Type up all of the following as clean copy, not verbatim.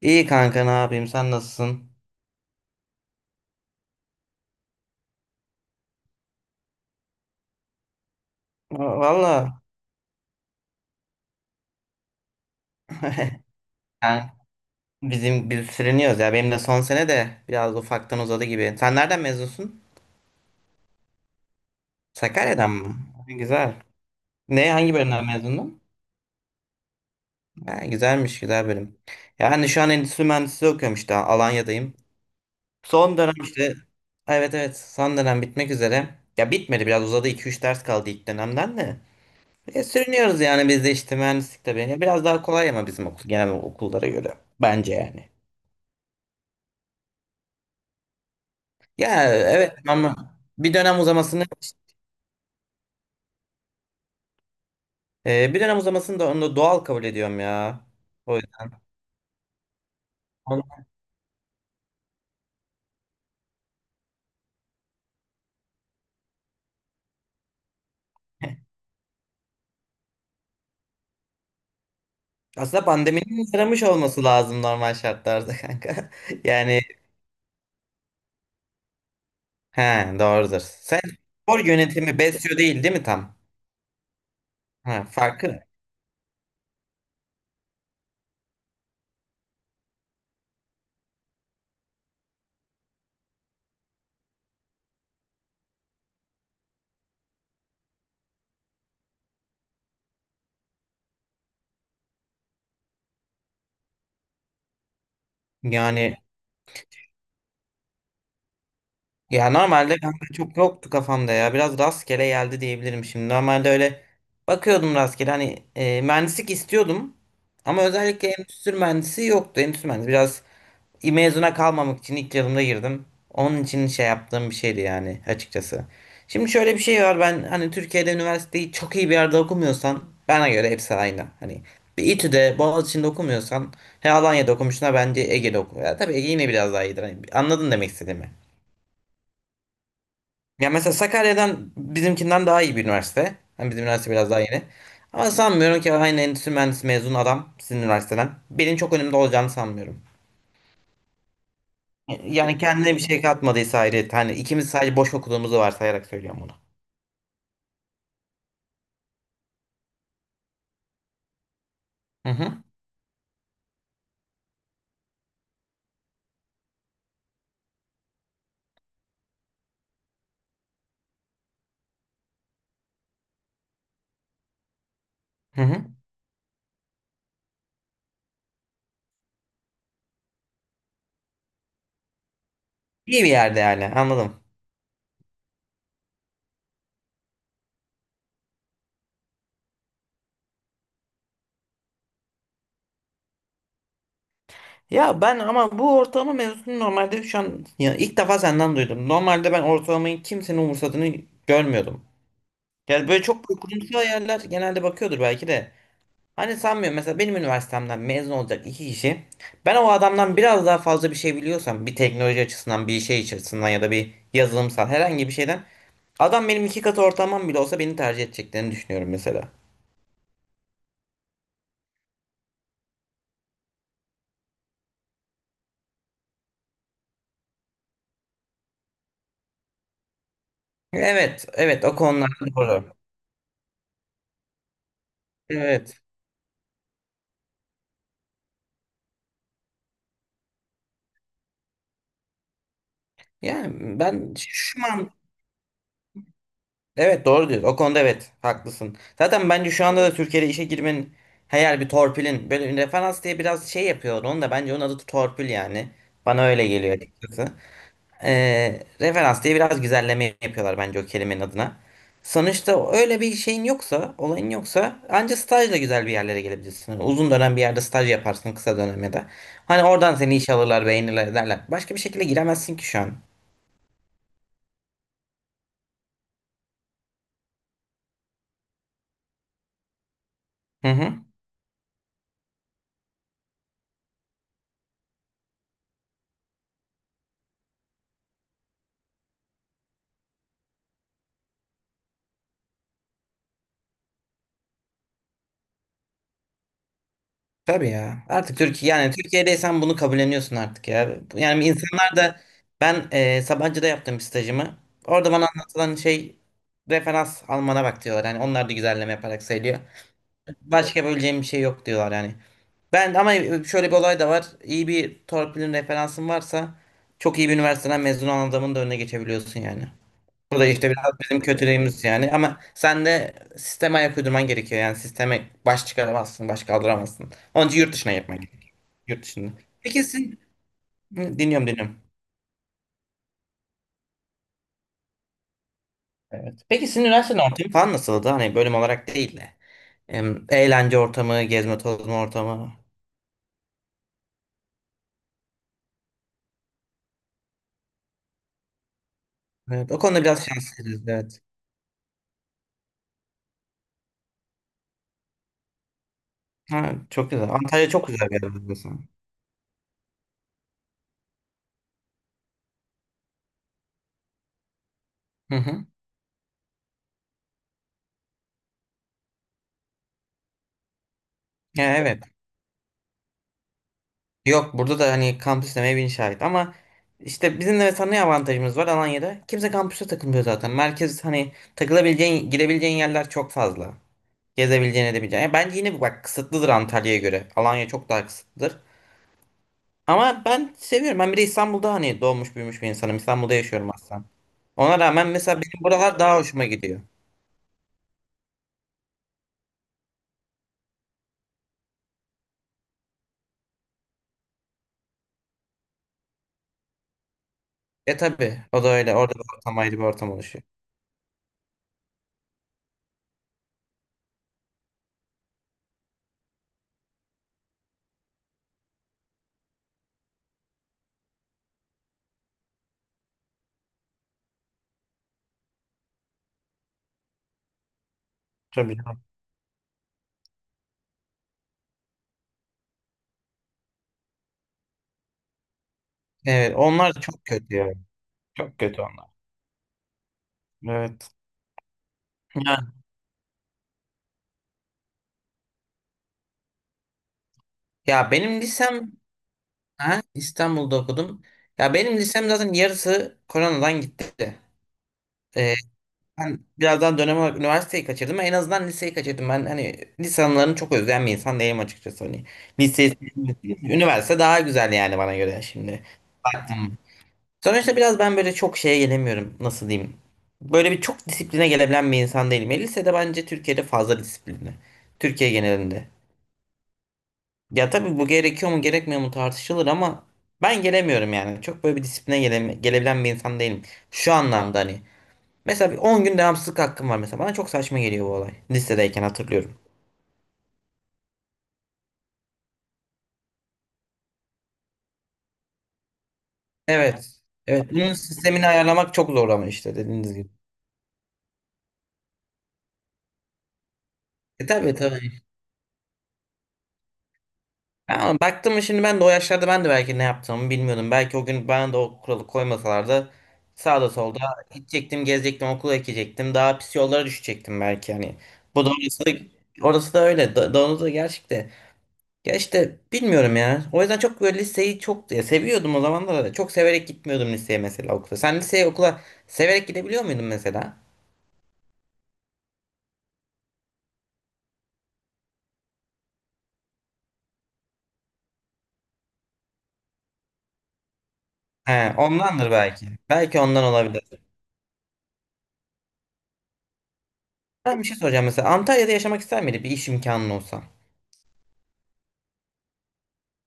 İyi kanka ne yapayım sen nasılsın? Valla yani biz sürünüyoruz ya benim de son sene de biraz ufaktan uzadı gibi. Sen nereden mezunsun? Sakarya'dan mı? Güzel. Ne hangi bölümden mezundun? Ha, güzelmiş güzel bölüm. Yani şu an endüstri mühendisliği okuyorum işte Alanya'dayım. Son dönem işte evet evet son dönem bitmek üzere. Ya bitmedi biraz uzadı iki üç ders kaldı ilk dönemden de. Sürünüyoruz yani biz de işte mühendislik tabii. Ya biraz daha kolay ama bizim okul genel okullara göre bence yani. Ya evet ama bir dönem uzamasını bir dönem uzamasını da onu da doğal kabul ediyorum ya. O yüzden. Onu- Aslında pandeminin yaramış olması lazım normal şartlarda kanka. Yani he doğrudur. Sen spor yönetimi besliyor değil değil mi tam? Ha, farkı. Ne? Yani ya normalde kanka çok yoktu kafamda ya. Biraz rastgele geldi diyebilirim şimdi. Normalde öyle bakıyordum rastgele. Hani mühendislik istiyordum. Ama özellikle endüstri mühendisi yoktu. Endüstri mühendisi biraz mezuna kalmamak için ilk yılımda girdim. Onun için şey yaptığım bir şeydi yani açıkçası. Şimdi şöyle bir şey var. Ben hani Türkiye'de üniversiteyi çok iyi bir yerde okumuyorsan bana göre hepsi aynı. Hani bir İTÜ'de, Boğaziçi'nde okumuyorsan he Alanya'da okumuşuna bence Ege'de oku. Ya tabii Ege yine biraz daha iyidir. Hani anladın demek istediğimi. Ya mesela Sakarya'dan bizimkinden daha iyi bir üniversite. Hani bizim üniversite biraz daha yeni. Ama sanmıyorum ki aynı endüstri mühendisi mezun adam sizin üniversiteden. Benim çok önümde olacağını sanmıyorum. Yani kendine bir şey katmadıysa ayrı. Hani ikimiz sadece boş okuduğumuzu varsayarak söylüyorum bunu. Hı hı. Hı hı. İyi bir yerde yani anladım. Ya ben ama bu ortalama mevzusunu normalde şu an ya ilk defa senden duydum. Normalde ben ortalamayı kimsenin umursadığını görmüyordum. Yani böyle çok kurumsal yerler genelde bakıyordur belki de. Hani sanmıyorum mesela benim üniversitemden mezun olacak iki kişi, ben o adamdan biraz daha fazla bir şey biliyorsam bir teknoloji açısından bir şey açısından ya da bir yazılımsal herhangi bir şeyden, adam benim iki katı ortamım bile olsa beni tercih edeceklerini düşünüyorum mesela. Evet evet o konular doğru. Evet yani ben şu an evet doğru diyorsun o konuda evet haklısın. Zaten bence şu anda da Türkiye'de işe girmenin her bir torpilin böyle referans diye biraz şey yapıyor onu da bence onun adı torpil yani bana öyle geliyor açıkçası. Referans diye biraz güzelleme yapıyorlar bence o kelimenin adına. Sonuçta öyle bir şeyin yoksa, olayın yoksa anca stajla güzel bir yerlere gelebilirsin. Yani uzun dönem bir yerde staj yaparsın kısa dönemde de. Hani oradan seni işe alırlar, beğenirler ederler. Başka bir şekilde giremezsin ki şu an. Hı hı. Tabii ya. Artık Türkiye yani Türkiye'deysen bunu kabulleniyorsun artık ya. Yani insanlar da ben Sabancı'da yaptığım bir stajımı. Orada bana anlatılan şey, referans almana bak diyorlar. Yani onlar da güzelleme yaparak söylüyor. Başka yapabileceğim bir şey yok diyorlar yani. Ben ama şöyle bir olay da var. İyi bir torpilin referansın varsa çok iyi bir üniversiteden mezun olan adamın da önüne geçebiliyorsun yani. Bu da işte biraz bizim kötülüğümüz yani. Ama sen de sisteme ayak uydurman gerekiyor. Yani sisteme baş çıkaramazsın, baş kaldıramazsın. Onun için yurt dışına yapman gerekiyor. Yurt dışında. Peki sizin... Hı, dinliyorum, dinliyorum. Evet. Peki sizin üniversitenin ortamı falan nasıldı? Hani bölüm olarak değil de. Eğlence ortamı, gezme tozma ortamı. Evet, o konuda biraz şanslıyız. Evet. Ha, çok güzel. Antalya çok güzel bir yer biliyorsun. Hı hı. Ya evet. Yok burada da hani kampüs demeye bin şahit ama işte bizim de mesela ne avantajımız var Alanya'da? Kimse kampüse takılmıyor zaten. Merkez hani takılabileceğin, girebileceğin yerler çok fazla. Gezebileceğin, edebileceğin. Ya bence yine bak kısıtlıdır Antalya'ya göre. Alanya çok daha kısıtlıdır. Ama ben seviyorum. Ben bir de İstanbul'da hani doğmuş büyümüş bir insanım. İstanbul'da yaşıyorum aslında. Ona rağmen mesela benim buralar daha hoşuma gidiyor. E tabii o da öyle. Orada bir ortam ayrı bir ortam oluşuyor. Tabii. Evet, onlar da çok kötü ya. Çok kötü onlar. Evet. Ya, ya benim lisem ha, İstanbul'da okudum. Ya benim lisem zaten yarısı koronadan gitti. Ee, ben birazdan dönem olarak üniversiteyi kaçırdım. En azından liseyi kaçırdım. Ben hani lise anılarını çok özleyen bir insan değilim açıkçası. Hani liseyi, üniversite daha güzel yani bana göre şimdi. Baktım. Sonuçta biraz ben böyle çok şeye gelemiyorum. Nasıl diyeyim? Böyle bir çok disipline gelebilen bir insan değilim. Ya, lisede bence Türkiye'de fazla disiplinli. Türkiye genelinde. Ya tabii bu gerekiyor mu gerekmiyor mu tartışılır ama ben gelemiyorum yani. Çok böyle bir disipline gelebilen bir insan değilim. Şu anlamda hani. Mesela bir 10 gün devamsızlık hakkım var mesela. Bana çok saçma geliyor bu olay. Lisedeyken hatırlıyorum. Evet. Evet. Bunun sistemini ayarlamak çok zor ama işte dediğiniz gibi. E tabii tabii. Ama baktım mı şimdi ben de o yaşlarda ben de belki ne yaptığımı bilmiyordum. Belki o gün bana da o kuralı koymasalardı sağda solda gidecektim, gezecektim, okula gidecektim. Daha pis yollara düşecektim belki hani. Bu da orası da öyle. Da, doğrusu da gerçekte. Ya işte bilmiyorum ya. O yüzden çok böyle liseyi çok ya seviyordum o zamanlarda da. Çok severek gitmiyordum liseye mesela okula. Sen liseye okula severek gidebiliyor muydun mesela? He, ondandır belki. Belki ondan olabilir. Ben bir şey soracağım mesela. Antalya'da yaşamak ister miydin bir iş imkanın olsa?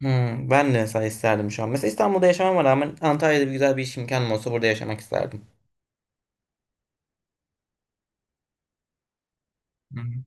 Hmm, ben de mesela isterdim şu an. Mesela İstanbul'da yaşamama rağmen Antalya'da bir güzel bir iş imkanım olsa burada yaşamak isterdim. Hı hı.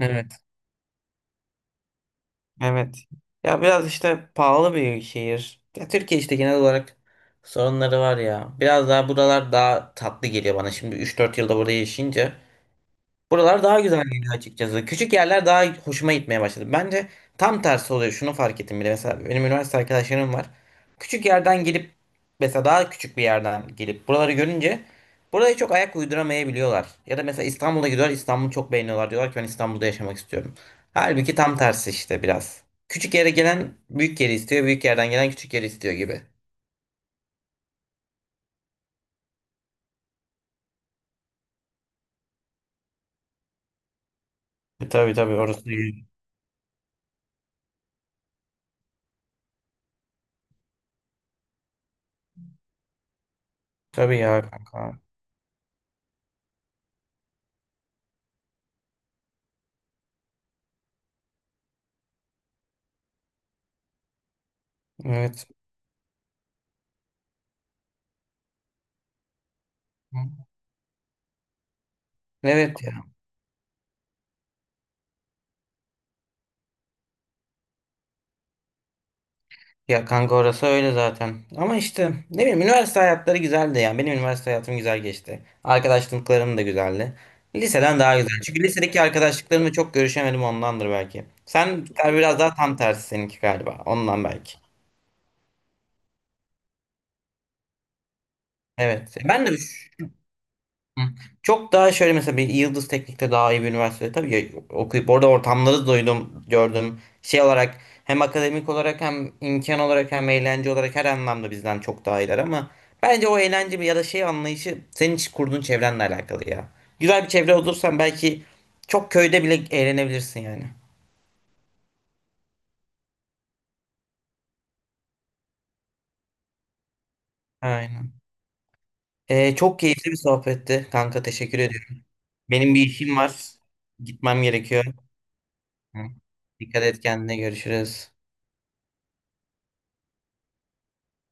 Evet, evet. Ya biraz işte pahalı bir şehir. Ya Türkiye işte genel olarak sorunları var ya. Biraz daha buralar daha tatlı geliyor bana. Şimdi 3-4 yılda burada yaşayınca buralar daha güzel geliyor açıkçası. Küçük yerler daha hoşuma gitmeye başladı. Bence tam tersi oluyor. Şunu fark ettim bile. Mesela benim üniversite arkadaşlarım var. Küçük yerden gelip mesela daha küçük bir yerden gelip buraları görünce buraya çok ayak uyduramayabiliyorlar. Ya da mesela İstanbul'a gidiyorlar. İstanbul'u çok beğeniyorlar. Diyorlar ki ben İstanbul'da yaşamak istiyorum. Halbuki tam tersi işte biraz. Küçük yere gelen büyük yeri istiyor. Büyük yerden gelen küçük yeri istiyor gibi. E, tabii tabii orası değil. Tabii ya kanka. Evet. Evet. Ya kanka orası öyle zaten. Ama işte ne bileyim üniversite hayatları güzeldi ya. Benim üniversite hayatım güzel geçti. Arkadaşlıklarım da güzeldi. Liseden daha güzel. Çünkü lisedeki arkadaşlıklarımla çok görüşemedim ondandır belki. Sen biraz daha tam tersi seninki galiba. Ondan belki. Evet. Hı. Çok daha şöyle mesela bir Yıldız Teknik'te daha iyi bir üniversitede tabii ya, okuyup orada ortamları duydum, gördüm. Şey olarak hem akademik olarak hem imkan olarak hem eğlence olarak her anlamda bizden çok daha iyiler ama bence o eğlence ya da şey anlayışı senin hiç kurduğun çevrenle alakalı ya. Güzel bir çevre olursan belki çok köyde bile eğlenebilirsin yani. Aynen. Çok keyifli bir sohbetti kanka teşekkür ediyorum. Benim bir işim var. Gitmem gerekiyor. Hı. Dikkat et kendine görüşürüz.